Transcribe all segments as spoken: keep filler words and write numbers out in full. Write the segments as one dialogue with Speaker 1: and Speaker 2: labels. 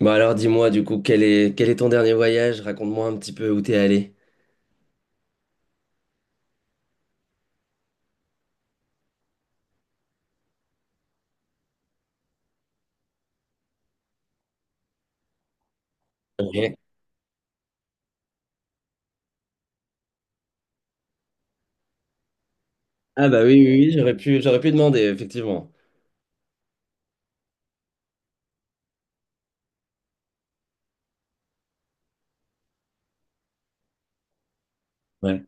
Speaker 1: Bon alors dis-moi du coup quel est quel est ton dernier voyage? Raconte-moi un petit peu où t'es allé. Ok. Ah bah oui oui oui j'aurais pu j'aurais pu demander effectivement. Ouais.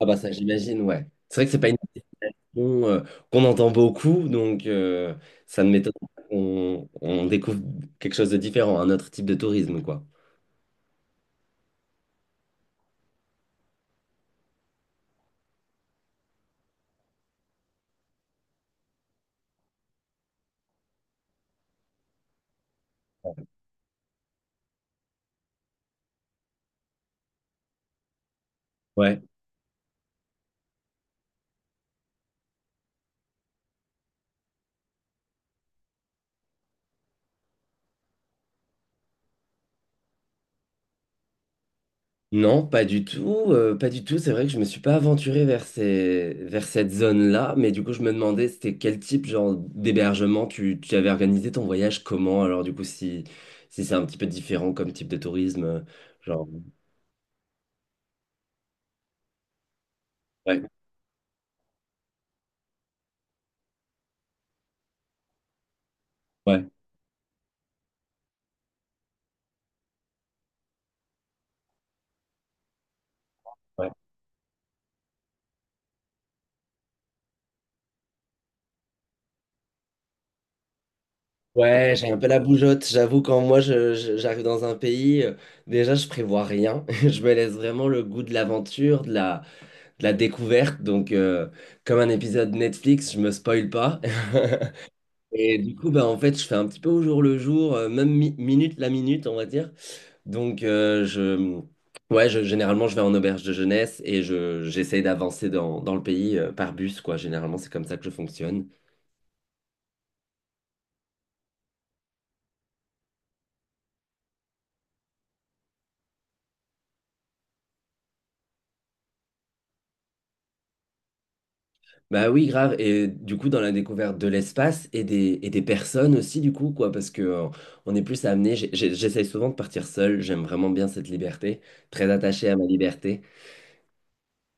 Speaker 1: Ah bah ça j'imagine, ouais. C'est vrai que c'est pas une question euh, qu'on entend beaucoup donc euh, ça ne m'étonne pas qu'on on découvre quelque chose de différent, un autre type de tourisme quoi. Ouais. Non, pas du tout, euh, pas du tout. C'est vrai que je me suis pas aventuré vers ces, vers cette zone-là, mais du coup, je me demandais c'était quel type genre d'hébergement tu, tu avais organisé ton voyage, comment? Alors du coup, si, si c'est un petit peu différent comme type de tourisme, euh, genre, ouais, ouais, ouais. Ouais, j'ai un peu la bougeotte. J'avoue, quand moi je- je- j'arrive dans un pays, euh, déjà je prévois rien. Je me laisse vraiment le goût de l'aventure, de la, de la découverte. Donc, euh, comme un épisode Netflix, je me spoil pas. Et du coup, bah, en fait, je fais un petit peu au jour le jour, euh, même mi- minute la minute, on va dire. Donc, euh, je, ouais, je- généralement, je vais en auberge de jeunesse et je, j'essaye d'avancer dans, dans le pays euh, par bus, quoi. Généralement, c'est comme ça que je fonctionne. Bah oui, grave. Et du coup, dans la découverte de l'espace et des, et des personnes aussi, du coup, quoi, parce que euh, on est plus amené. j'ai- j'ai- J'essaye souvent de partir seul. J'aime vraiment bien cette liberté, très attaché à ma liberté.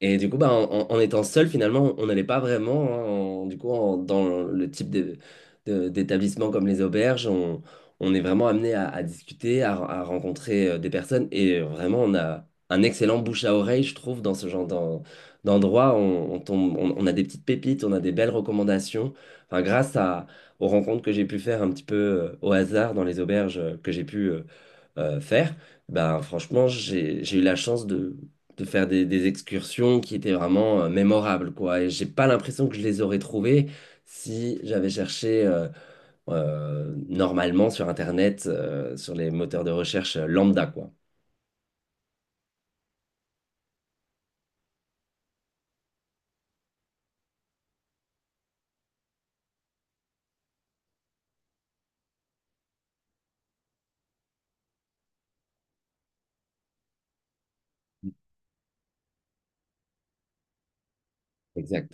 Speaker 1: Et du coup, bah, en, en- en étant seul, finalement, on n'allait pas vraiment, hein, en- du coup, en- dans le type de- de- d'établissement comme les auberges, on, on est vraiment amené à, à discuter, à, à rencontrer euh, des personnes. Et euh, vraiment, on a un excellent bouche à oreille, je trouve, dans ce genre d'en- d'endroit. On, on tombe, on, on a des petites pépites, on a des belles recommandations. Enfin, grâce à, aux rencontres que j'ai pu faire un petit peu euh, au hasard dans les auberges euh, que j'ai pu euh, euh, faire, ben franchement, j'ai j'ai eu la chance de, de faire des, des excursions qui étaient vraiment euh, mémorables, quoi. Et j'ai pas l'impression que je les aurais trouvées si j'avais cherché euh, euh, normalement sur Internet, euh, sur les moteurs de recherche euh, lambda, quoi. Exact.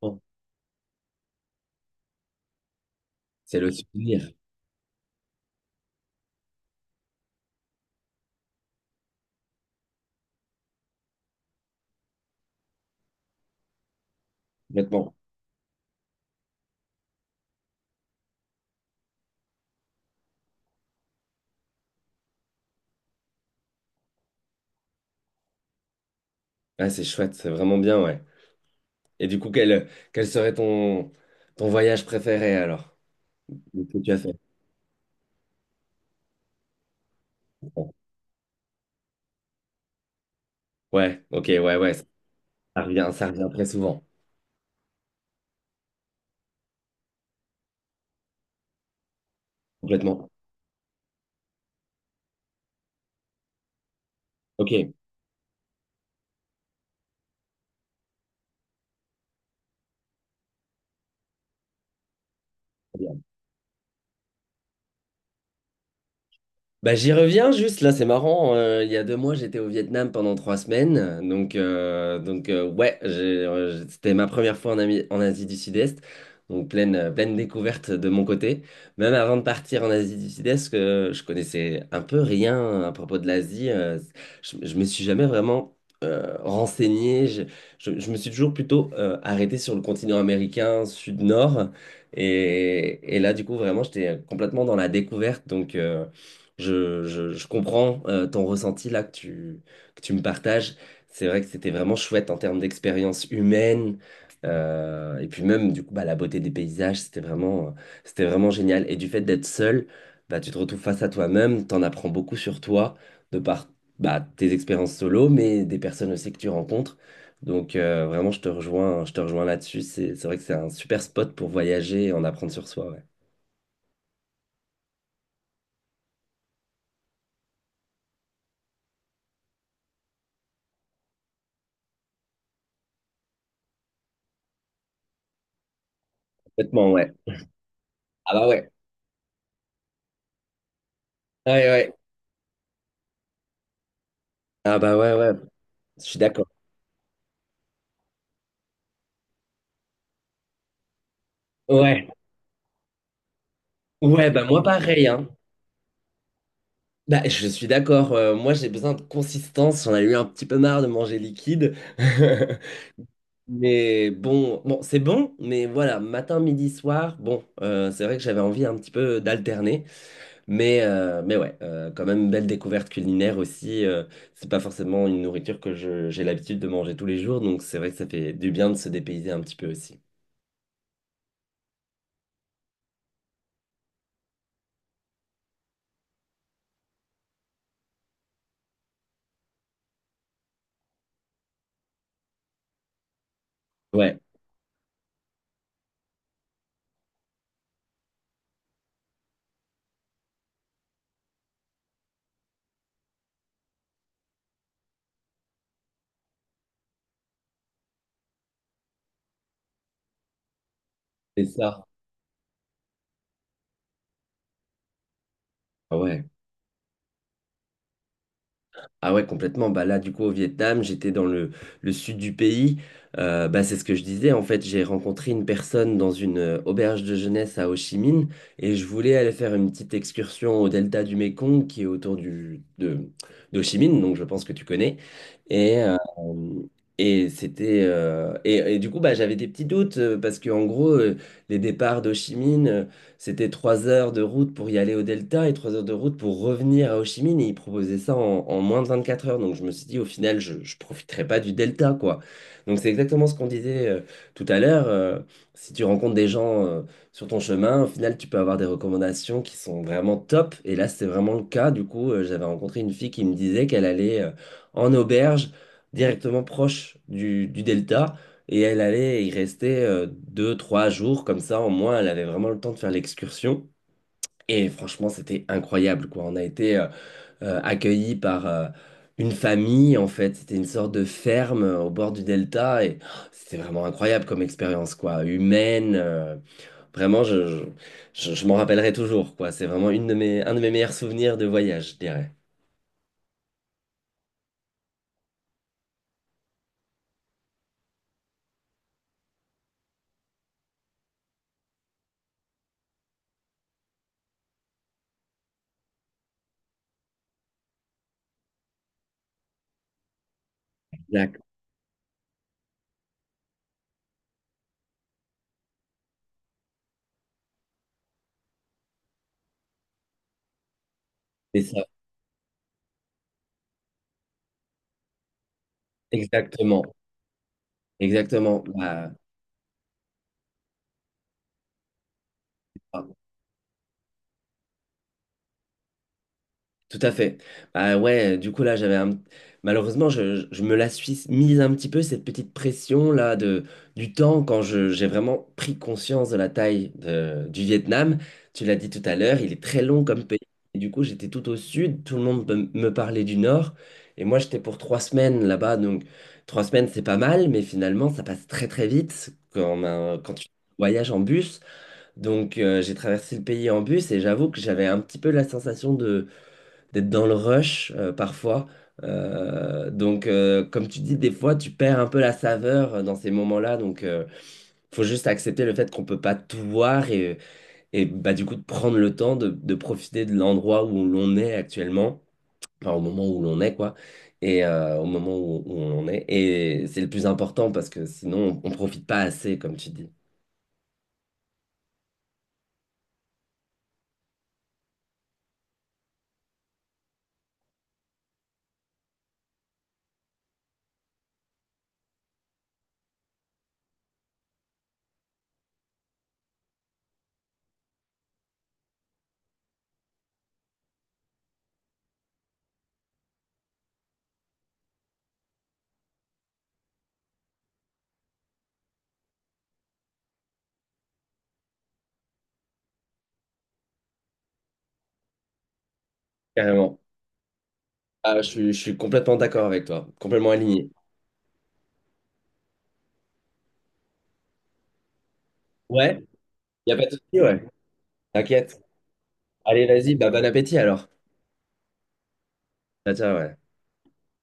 Speaker 1: Bon, c'est le souvenir, complètement. Ah c'est chouette, c'est vraiment bien, ouais. Et du coup, quel, quel serait ton, ton voyage préféré alors? Que tu as fait? Ouais, ok, ouais, ouais, ça revient, ça revient très souvent, complètement. Ok. Bien. Bah, j'y reviens juste, là c'est marrant, euh, il y a deux mois j'étais au Vietnam pendant trois semaines, donc, euh, donc euh, ouais, j'ai- euh, c'était ma première fois en, Ami- en Asie du Sud-Est, donc pleine, euh, pleine découverte de mon côté, même avant de partir en Asie du Sud-Est, que je connaissais un peu rien à propos de l'Asie, euh, je, je me suis jamais vraiment euh, renseigné. Je, je- je me suis toujours plutôt euh, arrêté sur le continent américain sud-nord. Et, et là, du coup, vraiment, j'étais complètement dans la découverte. Donc, euh, je, je- je comprends euh, ton ressenti là que tu, que tu me partages. C'est vrai que c'était vraiment chouette en termes d'expérience humaine. Euh, et puis même, du coup, bah, la beauté des paysages, c'était vraiment, c'était vraiment génial. Et du fait d'être seul, bah, tu te retrouves face à toi-même, t'en apprends beaucoup sur toi de par bah, tes expériences solo, mais des personnes aussi que tu rencontres. Donc euh, vraiment, je te rejoins, je te rejoins là-dessus. C'est, c'est vrai que c'est un super spot pour voyager et en apprendre sur soi. Ouais. Complètement, ouais. Ah bah ouais. Ouais, ouais. Ah bah ouais, ouais. Je suis d'accord. Ouais. Ouais, bah moi pareil, hein. Bah, je suis d'accord. euh, moi, j'ai besoin de consistance. J'en ai eu un petit peu marre de manger liquide. Mais bon, bon, c'est bon, mais voilà, matin, midi, soir, bon, euh, c'est vrai que j'avais envie un petit peu d'alterner. Mais, euh, mais ouais, euh, quand même, belle découverte culinaire aussi. Euh, c'est pas forcément une nourriture que je- j'ai l'habitude de manger tous les jours, donc c'est vrai que ça fait du bien de se dépayser un petit peu aussi. Ouais, c'est ça. Ah ouais. Ah ouais, complètement. Bah là, du coup, au Vietnam, j'étais dans le, le sud du pays. Euh, bah, c'est ce que je disais. En fait, j'ai rencontré une personne dans une euh, auberge de jeunesse à Ho Chi Minh et je voulais aller faire une petite excursion au delta du Mékong qui est autour du, de, d'Ho Chi Minh, donc je pense que tu connais. Et, euh, et c'était euh, et, et du coup bah, j'avais des petits doutes euh, parce que en gros euh, les départs d'Ho Chi Minh euh, c'était trois heures de route pour y aller au Delta et trois heures de route pour revenir à Ho Chi Minh. Et ils proposaient ça en, en moins de vingt-quatre heures. Donc je me suis dit, au final, je ne profiterai pas du Delta, quoi. Donc c'est exactement ce qu'on disait euh, tout à l'heure. Euh, si tu rencontres des gens euh, sur ton chemin, au final, tu peux avoir des recommandations qui sont vraiment top. Et là, c'est vraiment le cas. Du coup, euh, j'avais rencontré une fille qui me disait qu'elle allait euh, en auberge directement proche du, du delta et elle allait, il restait euh, deux, trois jours comme ça, au moins, elle avait vraiment le temps de faire l'excursion. Et franchement, c'était incroyable, quoi. On a été euh, euh, accueillis par euh, une famille, en fait. C'était une sorte de ferme euh, au bord du delta. Et oh, c'était vraiment incroyable comme expérience, quoi. Humaine. Euh, vraiment, je, je, je- je m'en rappellerai toujours, quoi. C'est vraiment une de mes, un de mes meilleurs souvenirs de voyage, je dirais. Exact. C'est ça. Exactement. Exactement. Bah, tout à fait. Bah ouais, du coup là j'avais un. Malheureusement je, je- je me la suis mise un petit peu cette petite pression là de du temps quand je j'ai vraiment pris conscience de la taille de- du Vietnam. Tu l'as dit tout à l'heure, il est très long comme pays. Et du coup j'étais tout au sud, tout le monde me me parlait du nord et moi j'étais pour trois semaines là-bas, donc trois semaines c'est pas mal mais finalement ça passe très très vite quand un- quand tu voyages en bus. Donc euh, j'ai traversé le pays en bus et j'avoue que j'avais un petit peu la sensation d'être dans le rush euh, parfois. Euh, donc, euh, comme tu dis, des fois, tu perds un peu la saveur euh, dans ces moments-là. Donc, euh, faut juste accepter le fait qu'on peut pas tout voir et, et bah, du coup, de prendre le temps de, de profiter de l'endroit où l'on est actuellement, enfin, au moment où l'on est, quoi, et euh, au moment où, où on en est. Et c'est le plus important parce que sinon, on, on profite pas assez, comme tu dis. Carrément. Ah, je, suis je suis complètement d'accord avec toi, complètement aligné. Ouais, y a pas de souci, ouais. T'inquiète. Allez, vas-y, bah, bon appétit alors. Ah, ça, ouais.